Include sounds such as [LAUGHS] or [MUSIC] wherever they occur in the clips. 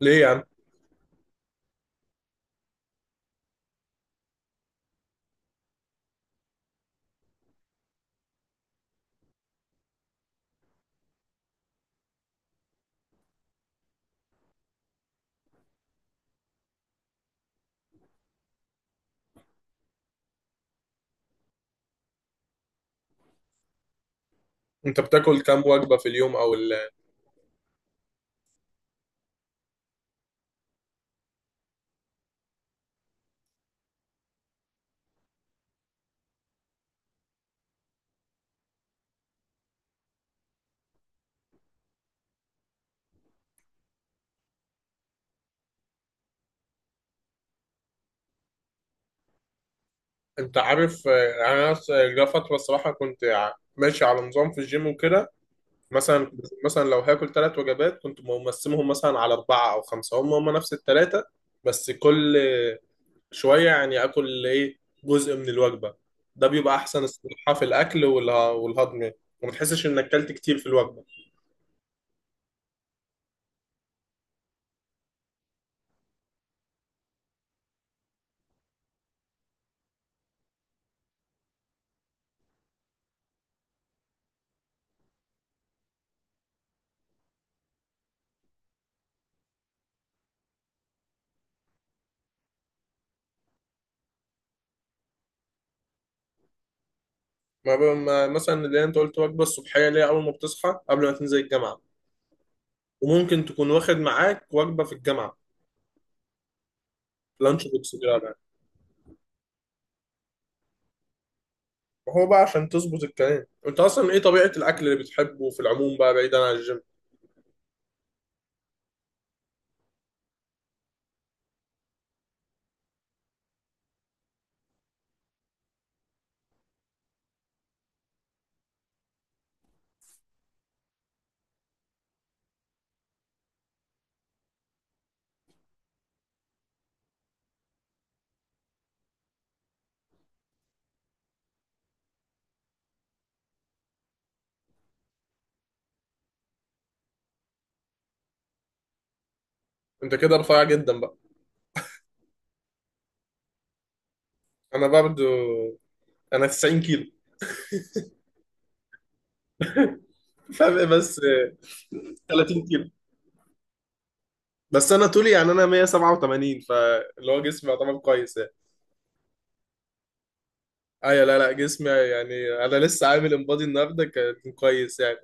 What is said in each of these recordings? ليه يا عم؟ انت بتاكل كام وجبه في اليوم انت عارف، انا جا فتره الصراحه كنت ماشي على نظام في الجيم وكده. مثلا مثلا لو هاكل ثلاث وجبات كنت مقسمهم مثلا على اربعه او خمسه، هم نفس الثلاثه، بس كل شويه يعني، اكل ايه جزء من الوجبه. ده بيبقى احسن الصراحه في الاكل والهضم، وما تحسش انك اكلت كتير في الوجبه. ما ب- ما- مثلا اللي انت قلت وجبه الصبحيه، اللي هي اول ما بتصحى قبل ما تنزل الجامعه، وممكن تكون واخد معاك وجبة في الجامعة، لانش بوكس كده بقى. هو بقى، عشان تظبط الكلام، انت اصلا ايه طبيعة الاكل اللي بتحبه في العموم بقى بعيدا عن الجيم؟ انت كده رفيع جدا بقى. انا برضو، انا 90 كيلو. [LAUGHS] فرق بس 30 كيلو. بس انا طولي، يعني انا 187، فاللي هو جسمي يعتبر كويس يعني. ايوه، لا لا، جسمي يعني انا لسه عامل انبادي النهارده كان كويس يعني.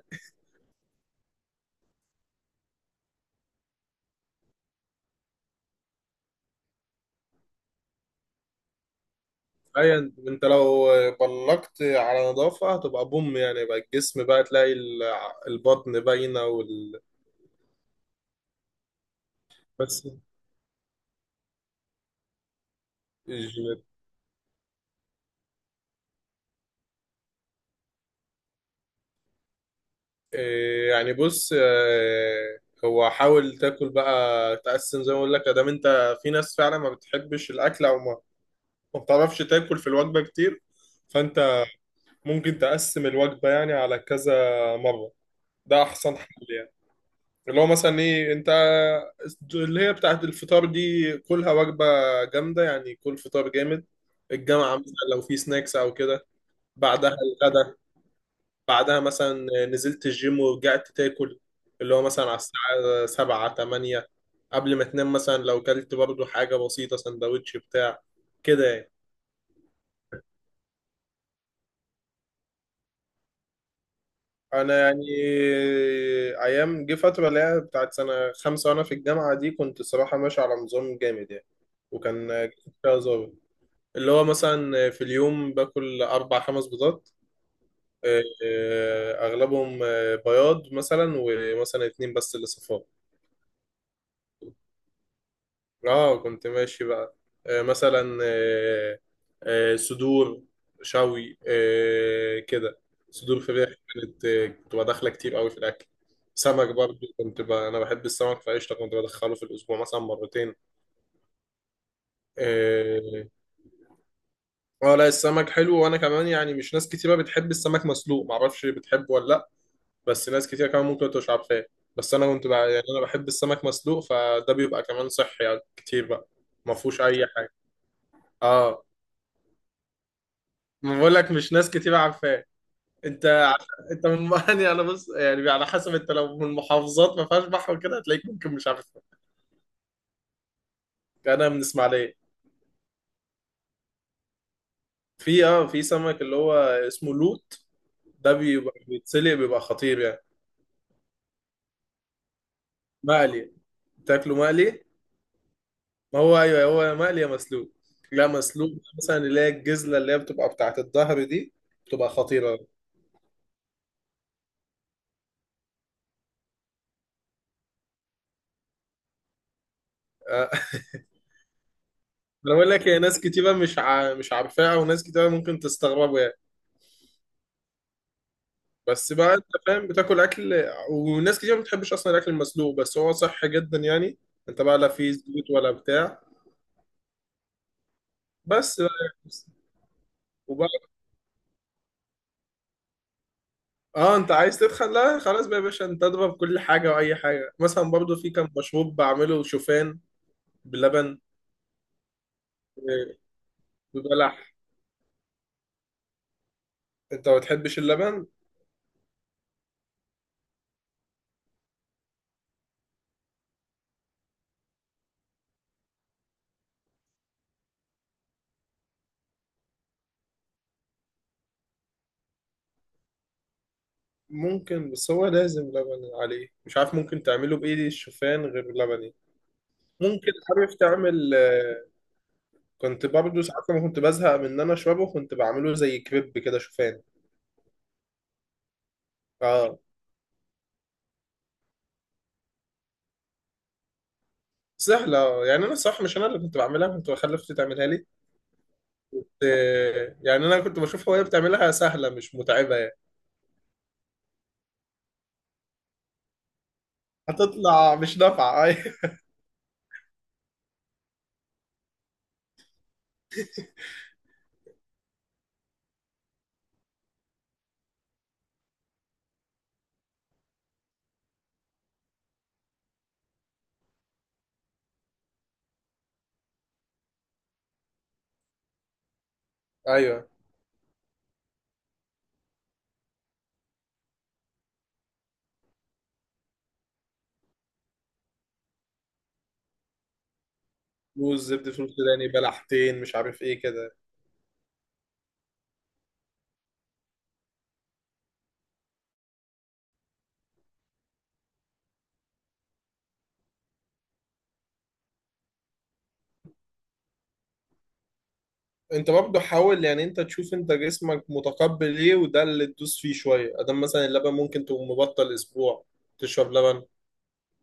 ايوه، انت لو بلقت على نظافه هتبقى بوم يعني بقى الجسم، بقى تلاقي البطن باينه بس، إيه يعني، بص، هو حاول تاكل بقى، تقسم زي ما اقول لك، ادام انت في ناس فعلا ما بتحبش الاكل او ما بتعرفش تاكل في الوجبه كتير، فانت ممكن تقسم الوجبه يعني على كذا مره، ده احسن حل يعني. اللي هو مثلا ايه انت، اللي هي بتاعت الفطار دي كلها وجبه جامده يعني، كل فطار جامد. الجامعه مثلا لو في سناكس او كده، بعدها الغدا، بعدها مثلا نزلت الجيم ورجعت تاكل، اللي هو مثلا على الساعة سبعة تمانية، قبل ما تنام مثلا لو كلت برضو حاجة بسيطة، سندوتش بتاع كده يعني. أنا يعني أيام جه فترة اللي هي بتاعت سنة خمسة وأنا في الجامعة دي، كنت صراحة ماشي على نظام جامد يعني، وكان جسمي فيها ظابط. اللي هو مثلا في اليوم باكل أربع خمس بيضات. أغلبهم بياض، مثلا ومثلا اتنين بس اللي صفار. اه، كنت ماشي بقى، مثلا، صدور، شوي كده، صدور فراخ. كانت آه كنت بدخلها كتير قوي في الاكل. سمك برضو، انا بحب السمك فقشطه، كنت بدخله في الاسبوع مثلا مرتين. اه، لا السمك حلو، وانا كمان يعني، مش ناس كتيره بتحب السمك مسلوق، معرفش بتحبه ولا لا. بس ناس كتير كمان ممكن تبقى مش عارفاه. بس انا كنت بقى يعني، انا بحب السمك مسلوق، فده بيبقى كمان صحي يعني كتير بقى. ما فيهوش اي حاجه. اه، ما بقول لك مش ناس كتير عارفاه. انت انت من [LAUGHS] يعني، انا بص يعني، على حسب، انت لو من محافظات ما فيهاش بحر وكده هتلاقيك ممكن مش عارفها. انا من اسماعيليه. في سمك اللي هو اسمه لوت، ده بيبقى بيتسلق، بيبقى خطير يعني. مقلي، تاكله مقلي. ما هو ايوه، هو مقلي يا مسلوق، لا مسلوق. مثلا اللي هي الجزله، اللي هي بتبقى بتاعت الظهر دي، بتبقى خطيره. آه. [LAUGHS] انا بقول لك، هي ناس كتيره مش مش عارفاها، وناس كتيره ممكن تستغربوا. بس بقى انت فاهم، بتاكل اكل، وناس كتير ما بتحبش اصلا الاكل المسلوق، بس هو صحي جدا يعني، انت بقى لا فيه زيوت ولا بتاع. بس بقى وبقى اه، انت عايز تدخن، لا خلاص بقى يا باشا، انت اضرب كل حاجه واي حاجه. مثلا برضو، في كان مشروب بعمله، شوفان بلبن و- وبلح. انت ما بتحبش اللبن؟ ممكن، بس هو لازم لبن عليه، مش عارف، ممكن تعمله بايه الشوفان غير لبني؟ ممكن، عارف تعمل، كنت برضه ساعات لما كنت بزهق من ان انا اشربه كنت بعمله زي كريب كده شوفان. اه، سهلة يعني، أنا صح مش أنا اللي كنت بعملها، كنت بخلي أختي تعملها لي. إيه، يعني أنا كنت بشوفها وهي بتعملها سهلة، مش متعبة يعني. هتطلع مش نافعة. [LAUGHS] أيوه، أيوه. موز، زبدة فول سوداني، بلحتين، مش عارف إيه كده. أنت برضه حاول يعني، أنت تشوف أنت جسمك متقبل إيه وده اللي تدوس فيه شوية. أدام مثلا اللبن، ممكن تقوم مبطل أسبوع تشرب لبن،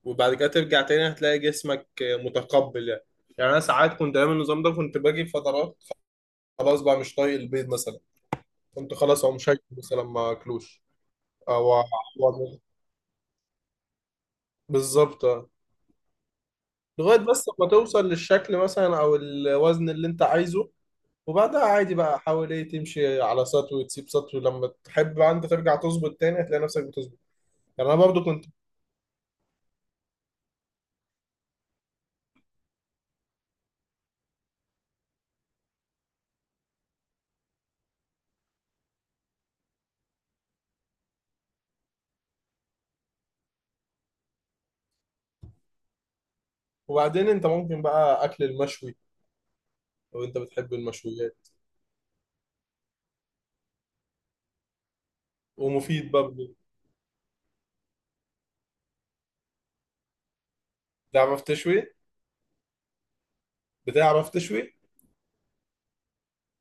وبعد كده ترجع تاني هتلاقي جسمك متقبل يعني. يعني انا ساعات كنت ايام النظام ده كنت باجي فترات، خلاص بقى مش طايق البيض مثلا، كنت خلاص او مش هاكل مثلا ما اكلوش او أو- بالظبط آه. لغايه بس ما توصل للشكل مثلا او الوزن اللي انت عايزه، وبعدها عادي بقى، حاول ايه تمشي على سطو، وتسيب سطو لما تحب بقى، انت ترجع تظبط تاني هتلاقي نفسك بتظبط. يعني انا برضو كنت، وبعدين انت ممكن بقى اكل المشوي لو انت بتحب المشويات، ومفيد برضه. تعرف تشوي بتعرف تشوي؟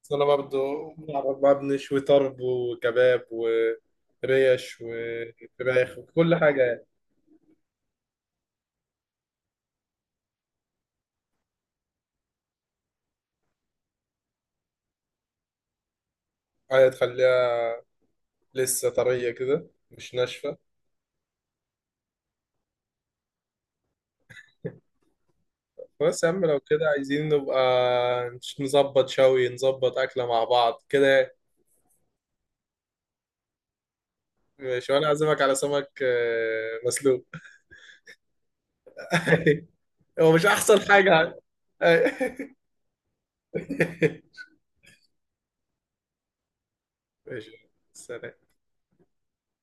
بس انا برضه، بعرف بقى، بنشوي طرب وكباب وريش وفراخ وكل حاجة يعني. حاجة تخليها لسه طرية كده، مش ناشفة. بس يا عم لو كده عايزين نبقى نظبط شوي، نظبط أكلة مع بعض كده. ماشي، وأنا أعزمك على سمك مسلوق. [LAUGHS] هو مش أحسن حاجة؟ [LAUGHS] ماشي، سلام.